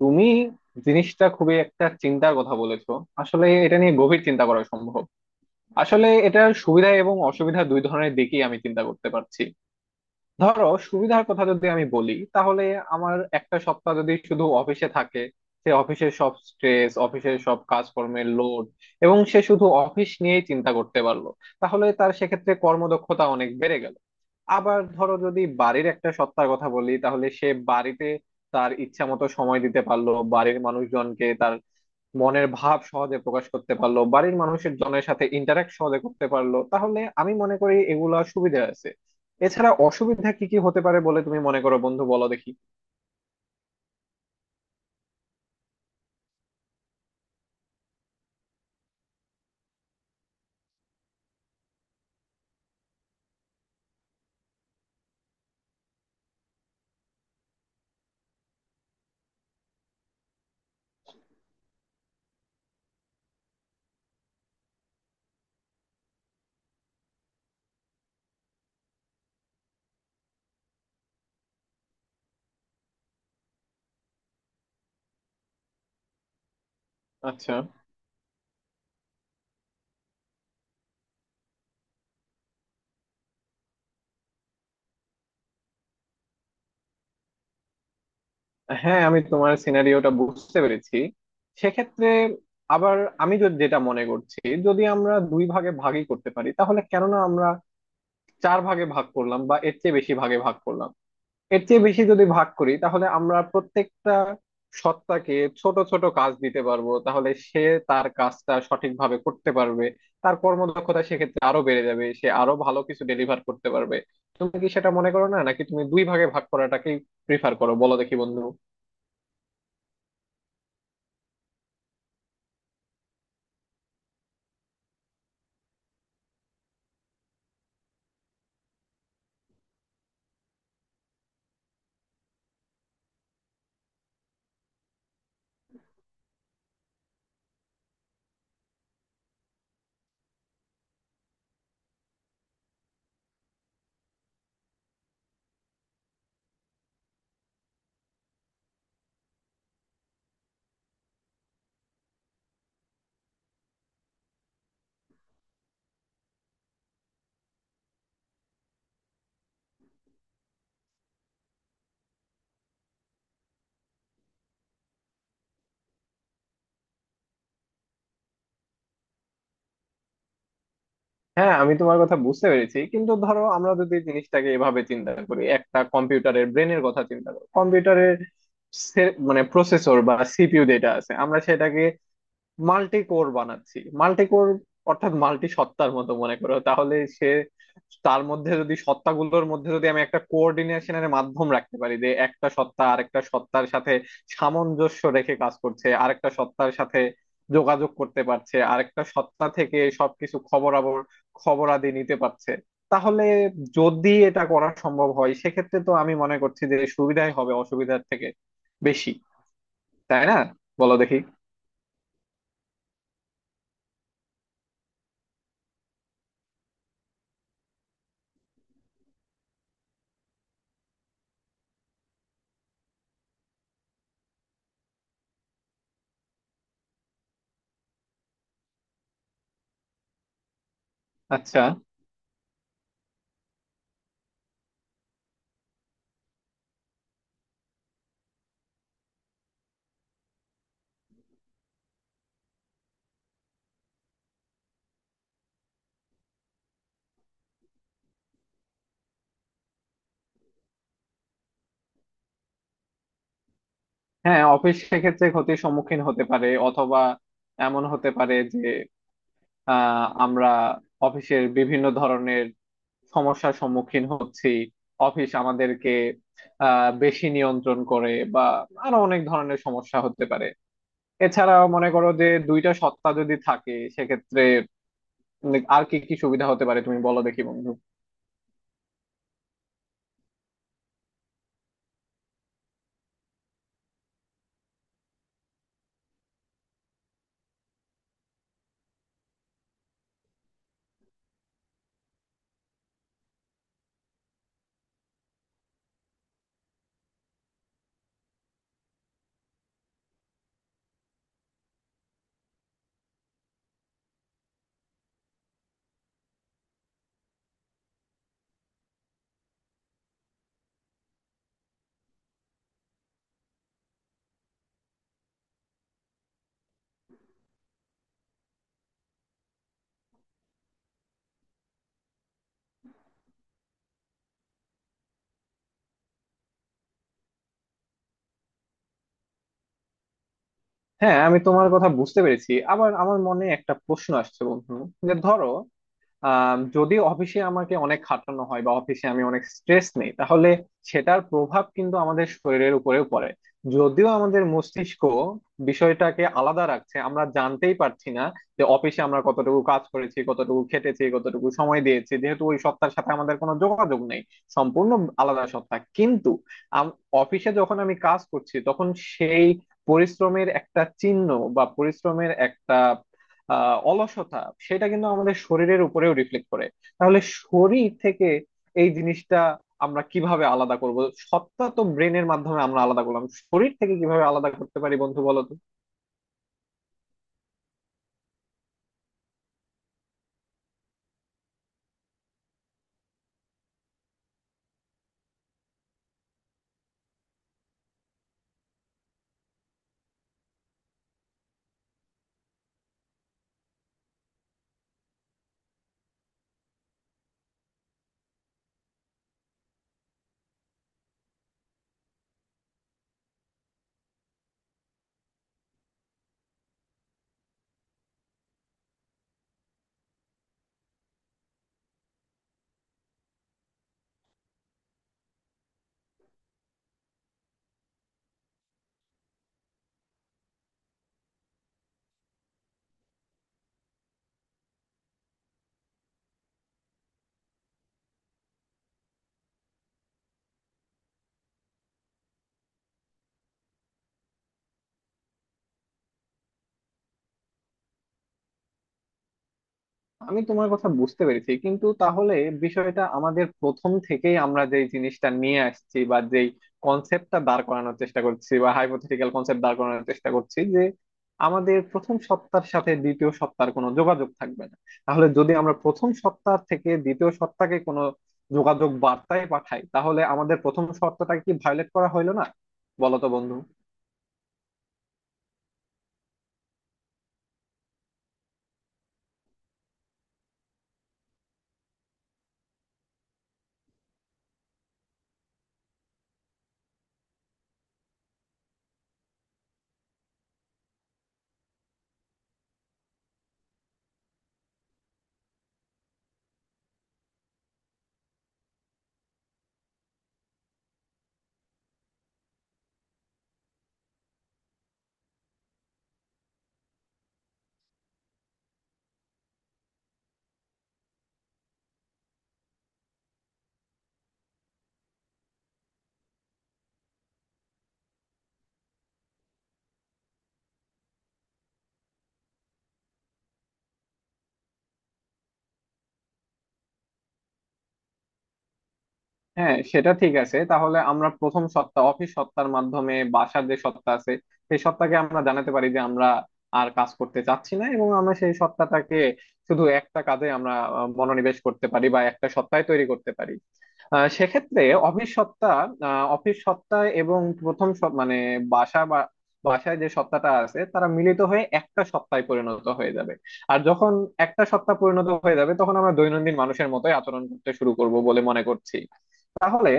তুমি জিনিসটা খুবই একটা চিন্তার কথা বলেছো। আসলে এটা নিয়ে গভীর চিন্তা করা সম্ভব। আসলে এটার সুবিধা এবং অসুবিধা দুই ধরনের দিকই আমি চিন্তা করতে পারছি। ধরো, সুবিধার কথা যদি আমি বলি, তাহলে আমার একটা সপ্তাহ যদি শুধু অফিসে থাকে, সে অফিসের সব স্ট্রেস, অফিসের সব কাজকর্মের লোড এবং সে শুধু অফিস নিয়েই চিন্তা করতে পারলো, তাহলে তার সেক্ষেত্রে কর্মদক্ষতা অনেক বেড়ে গেল। আবার ধরো, যদি বাড়ির একটা সত্তার কথা বলি, তাহলে সে বাড়িতে তার ইচ্ছা মতো সময় দিতে পারলো, বাড়ির মানুষজনকে তার মনের ভাব সহজে প্রকাশ করতে পারলো, বাড়ির মানুষের জনের সাথে ইন্টারাক্ট সহজে করতে পারলো। তাহলে আমি মনে করি এগুলা সুবিধা আছে। এছাড়া অসুবিধা কি কি হতে পারে বলে তুমি মনে করো, বন্ধু, বলো দেখি। আচ্ছা। হ্যাঁ, আমি তোমার সিনারিওটা বুঝতে পেরেছি। সেক্ষেত্রে আবার আমি যদি যেটা মনে করছি, যদি আমরা দুই ভাগে ভাগই করতে পারি তাহলে কেননা আমরা চার ভাগে ভাগ করলাম বা এর চেয়ে বেশি ভাগে ভাগ করলাম, এর চেয়ে বেশি যদি ভাগ করি তাহলে আমরা প্রত্যেকটা সত্তাকে ছোট ছোট কাজ দিতে পারবো, তাহলে সে তার কাজটা সঠিকভাবে করতে পারবে। তার কর্মদক্ষতা সেক্ষেত্রে আরো বেড়ে যাবে, সে আরো ভালো কিছু ডেলিভার করতে পারবে। তুমি কি সেটা মনে করো না, নাকি তুমি দুই ভাগে ভাগ করাটাকেই প্রিফার করো, বলো দেখি বন্ধু। হ্যাঁ, আমি তোমার কথা বুঝতে পেরেছি, কিন্তু ধরো আমরা যদি জিনিসটাকে এভাবে চিন্তা করি, একটা কম্পিউটারের ব্রেনের কথা চিন্তা করো, কম্পিউটারের মানে প্রসেসর বা সিপিইউ যেটা আছে, আমরা সেটাকে মাল্টি কোর বানাচ্ছি, মাল্টি কোর, অর্থাৎ মাল্টি সত্তার মতো, মনে করো। তাহলে সে তার মধ্যে যদি, সত্তাগুলোর মধ্যে যদি আমি একটা কোঅর্ডিনেশনের মাধ্যম রাখতে পারি, যে একটা সত্তা আরেকটা সত্তার সাথে সামঞ্জস্য রেখে কাজ করছে, আরেকটা সত্তার সাথে যোগাযোগ করতে পারছে, আরেকটা সত্তা থেকে সবকিছু খবরাবর খবরাদি নিতে পারছে, তাহলে যদি এটা করা সম্ভব হয় সেক্ষেত্রে তো আমি মনে করছি যে সুবিধাই হবে অসুবিধার থেকে বেশি। তাই না? বলো দেখি। আচ্ছা। হ্যাঁ, অফিস সেক্ষেত্রে ক্ষতির সম্মুখীন হতে পারে, অথবা এমন হতে পারে যে আমরা অফিসের বিভিন্ন ধরনের সমস্যার সম্মুখীন হচ্ছি, অফিস আমাদেরকে বেশি নিয়ন্ত্রণ করে, বা আরো অনেক ধরনের সমস্যা হতে পারে। এছাড়া মনে করো, যে দুইটা সত্তা যদি থাকে সেক্ষেত্রে আর কি কি সুবিধা হতে পারে তুমি বলো দেখি বন্ধু। হ্যাঁ, আমি তোমার কথা বুঝতে পেরেছি। আবার আমার মনে একটা প্রশ্ন আসছে বন্ধু, যে ধরো, যদি অফিসে আমাকে অনেক খাটানো হয় বা অফিসে আমি অনেক স্ট্রেস নেই, তাহলে সেটার প্রভাব কিন্তু আমাদের শরীরের উপরেও পড়ে। যদিও আমাদের মস্তিষ্ক বিষয়টাকে আলাদা রাখছে, আমরা জানতেই পারছি না যে অফিসে আমরা কতটুকু কাজ করেছি, কতটুকু খেটেছি, কতটুকু সময় দিয়েছি, যেহেতু ওই সত্তার সাথে আমাদের কোনো যোগাযোগ নেই। সম্পূর্ণ আলাদা সত্তা। কিন্তু আম- অফিসে যখন আমি কাজ করছি তখন সেই পরিশ্রমের একটা চিহ্ন, বা পরিশ্রমের একটা অলসতা, সেটা কিন্তু আমাদের শরীরের উপরেও রিফ্লেক্ট করে। তাহলে শরীর থেকে এই জিনিসটা আমরা কিভাবে আলাদা করব? সত্তা তো ব্রেনের মাধ্যমে আমরা আলাদা করলাম, শরীর থেকে কিভাবে আলাদা করতে পারি বন্ধু, বলো তো। আমি তোমার কথা বুঝতে পেরেছি, কিন্তু তাহলে বিষয়টা আমাদের প্রথম থেকেই আমরা যেই জিনিসটা নিয়ে আসছি, বা যেই কনসেপ্টটা দাঁড় করানোর চেষ্টা করছি, বা হাইপোথেটিক্যাল কনসেপ্ট দাঁড় করানোর চেষ্টা করছি, যে আমাদের প্রথম সপ্তাহের সাথে দ্বিতীয় সপ্তাহের কোনো যোগাযোগ থাকবে না। তাহলে যদি আমরা প্রথম সপ্তাহ থেকে দ্বিতীয় সপ্তাহে কোনো যোগাযোগ বার্তায় পাঠাই, তাহলে আমাদের প্রথম সপ্তাহটাকে কি ভায়োলেট করা হইলো না, বলো তো বন্ধু। হ্যাঁ, সেটা ঠিক আছে। তাহলে আমরা প্রথম সত্তা অফিস সত্তার মাধ্যমে বাসার যে সত্তা আছে সেই সত্তাকে আমরা জানাতে পারি যে আমরা আর কাজ করতে চাচ্ছি না, এবং আমরা সেই সত্তাটাকে শুধু একটা কাজে আমরা মনোনিবেশ করতে পারি, বা একটা সত্তায় তৈরি করতে পারি। সেক্ষেত্রে অফিস সত্তা অফিস সত্তা এবং মানে বাসা, বা বাসায় যে সত্তাটা আছে, তারা মিলিত হয়ে একটা সত্তায় পরিণত হয়ে যাবে। আর যখন একটা সত্তা পরিণত হয়ে যাবে তখন আমরা দৈনন্দিন মানুষের মতোই আচরণ করতে শুরু করব বলে মনে করছি। তাহলে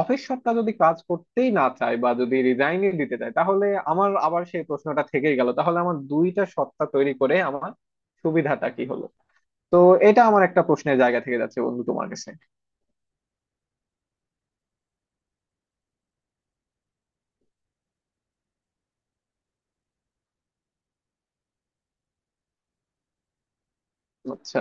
অফিস সত্তা যদি কাজ করতেই না চায়, বা যদি রিজাইনই দিতে চায়, তাহলে আমার আবার সেই প্রশ্নটা থেকেই গেল, তাহলে আমার দুইটা সত্তা তৈরি করে আমার সুবিধাটা কি হলো? তো এটা আমার একটা প্রশ্নের জায়গা থেকে যাচ্ছে বন্ধু তোমার কাছে। আচ্ছা।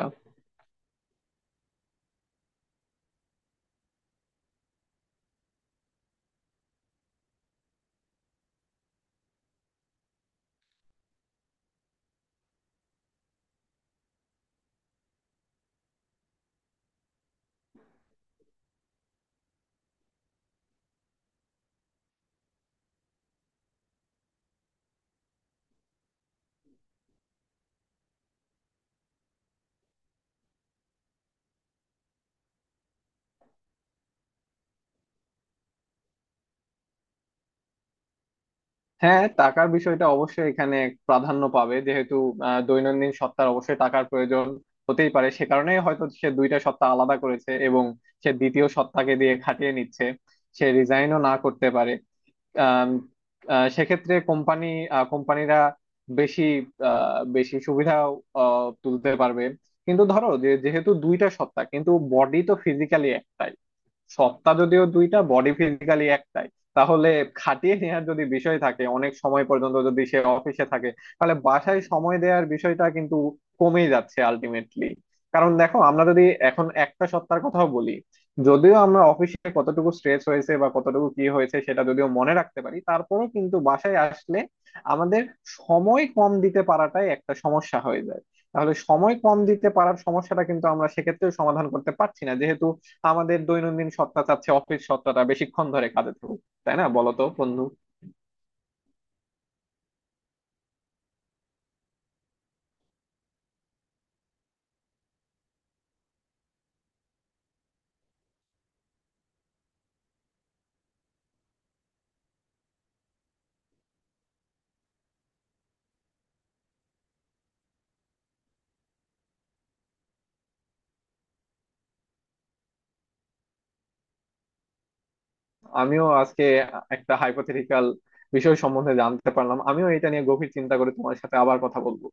হ্যাঁ, টাকার বিষয়টা অবশ্যই এখানে প্রাধান্য পাবে, যেহেতু দৈনন্দিন সত্তার অবশ্যই টাকার প্রয়োজন হতেই পারে। সে কারণেই হয়তো সে দুইটা সত্তা আলাদা করেছে এবং সে দ্বিতীয় সত্তাকে দিয়ে খাটিয়ে নিচ্ছে। সে রিজাইনও না করতে পারে। আম, সেক্ষেত্রে কোম্পানিরা বেশি, বেশি সুবিধা তুলতে পারবে। কিন্তু ধরো যে, যেহেতু দুইটা সত্তা কিন্তু বডি তো ফিজিক্যালি একটাই, সত্তা যদিও দুইটা বডি ফিজিক্যালি একটাই, তাহলে খাটিয়ে নেওয়ার যদি বিষয় থাকে, অনেক সময় পর্যন্ত যদি সে অফিসে থাকে, তাহলে বাসায় সময় দেওয়ার বিষয়টা কিন্তু কমে যাচ্ছে আলটিমেটলি। কারণ দেখো, আমরা যদি এখন একটা সত্তার কথাও বলি, যদিও আমরা অফিসে কতটুকু স্ট্রেস হয়েছে বা কতটুকু কি হয়েছে সেটা যদিও মনে রাখতে পারি, তারপরেও কিন্তু বাসায় আসলে আমাদের সময় কম দিতে পারাটাই একটা সমস্যা হয়ে যায়। তাহলে সময় কম দিতে পারার সমস্যাটা কিন্তু আমরা সেক্ষেত্রেও সমাধান করতে পারছি না, যেহেতু আমাদের দৈনন্দিন সত্তা চাচ্ছে অফিস সত্তাটা বেশিক্ষণ ধরে কাজে থাকুক। তাই না, বলো তো বন্ধু। আমিও আজকে একটা হাইপোথেটিক্যাল বিষয় সম্বন্ধে জানতে পারলাম। আমিও এটা নিয়ে গভীর চিন্তা করে তোমার সাথে আবার কথা বলবো।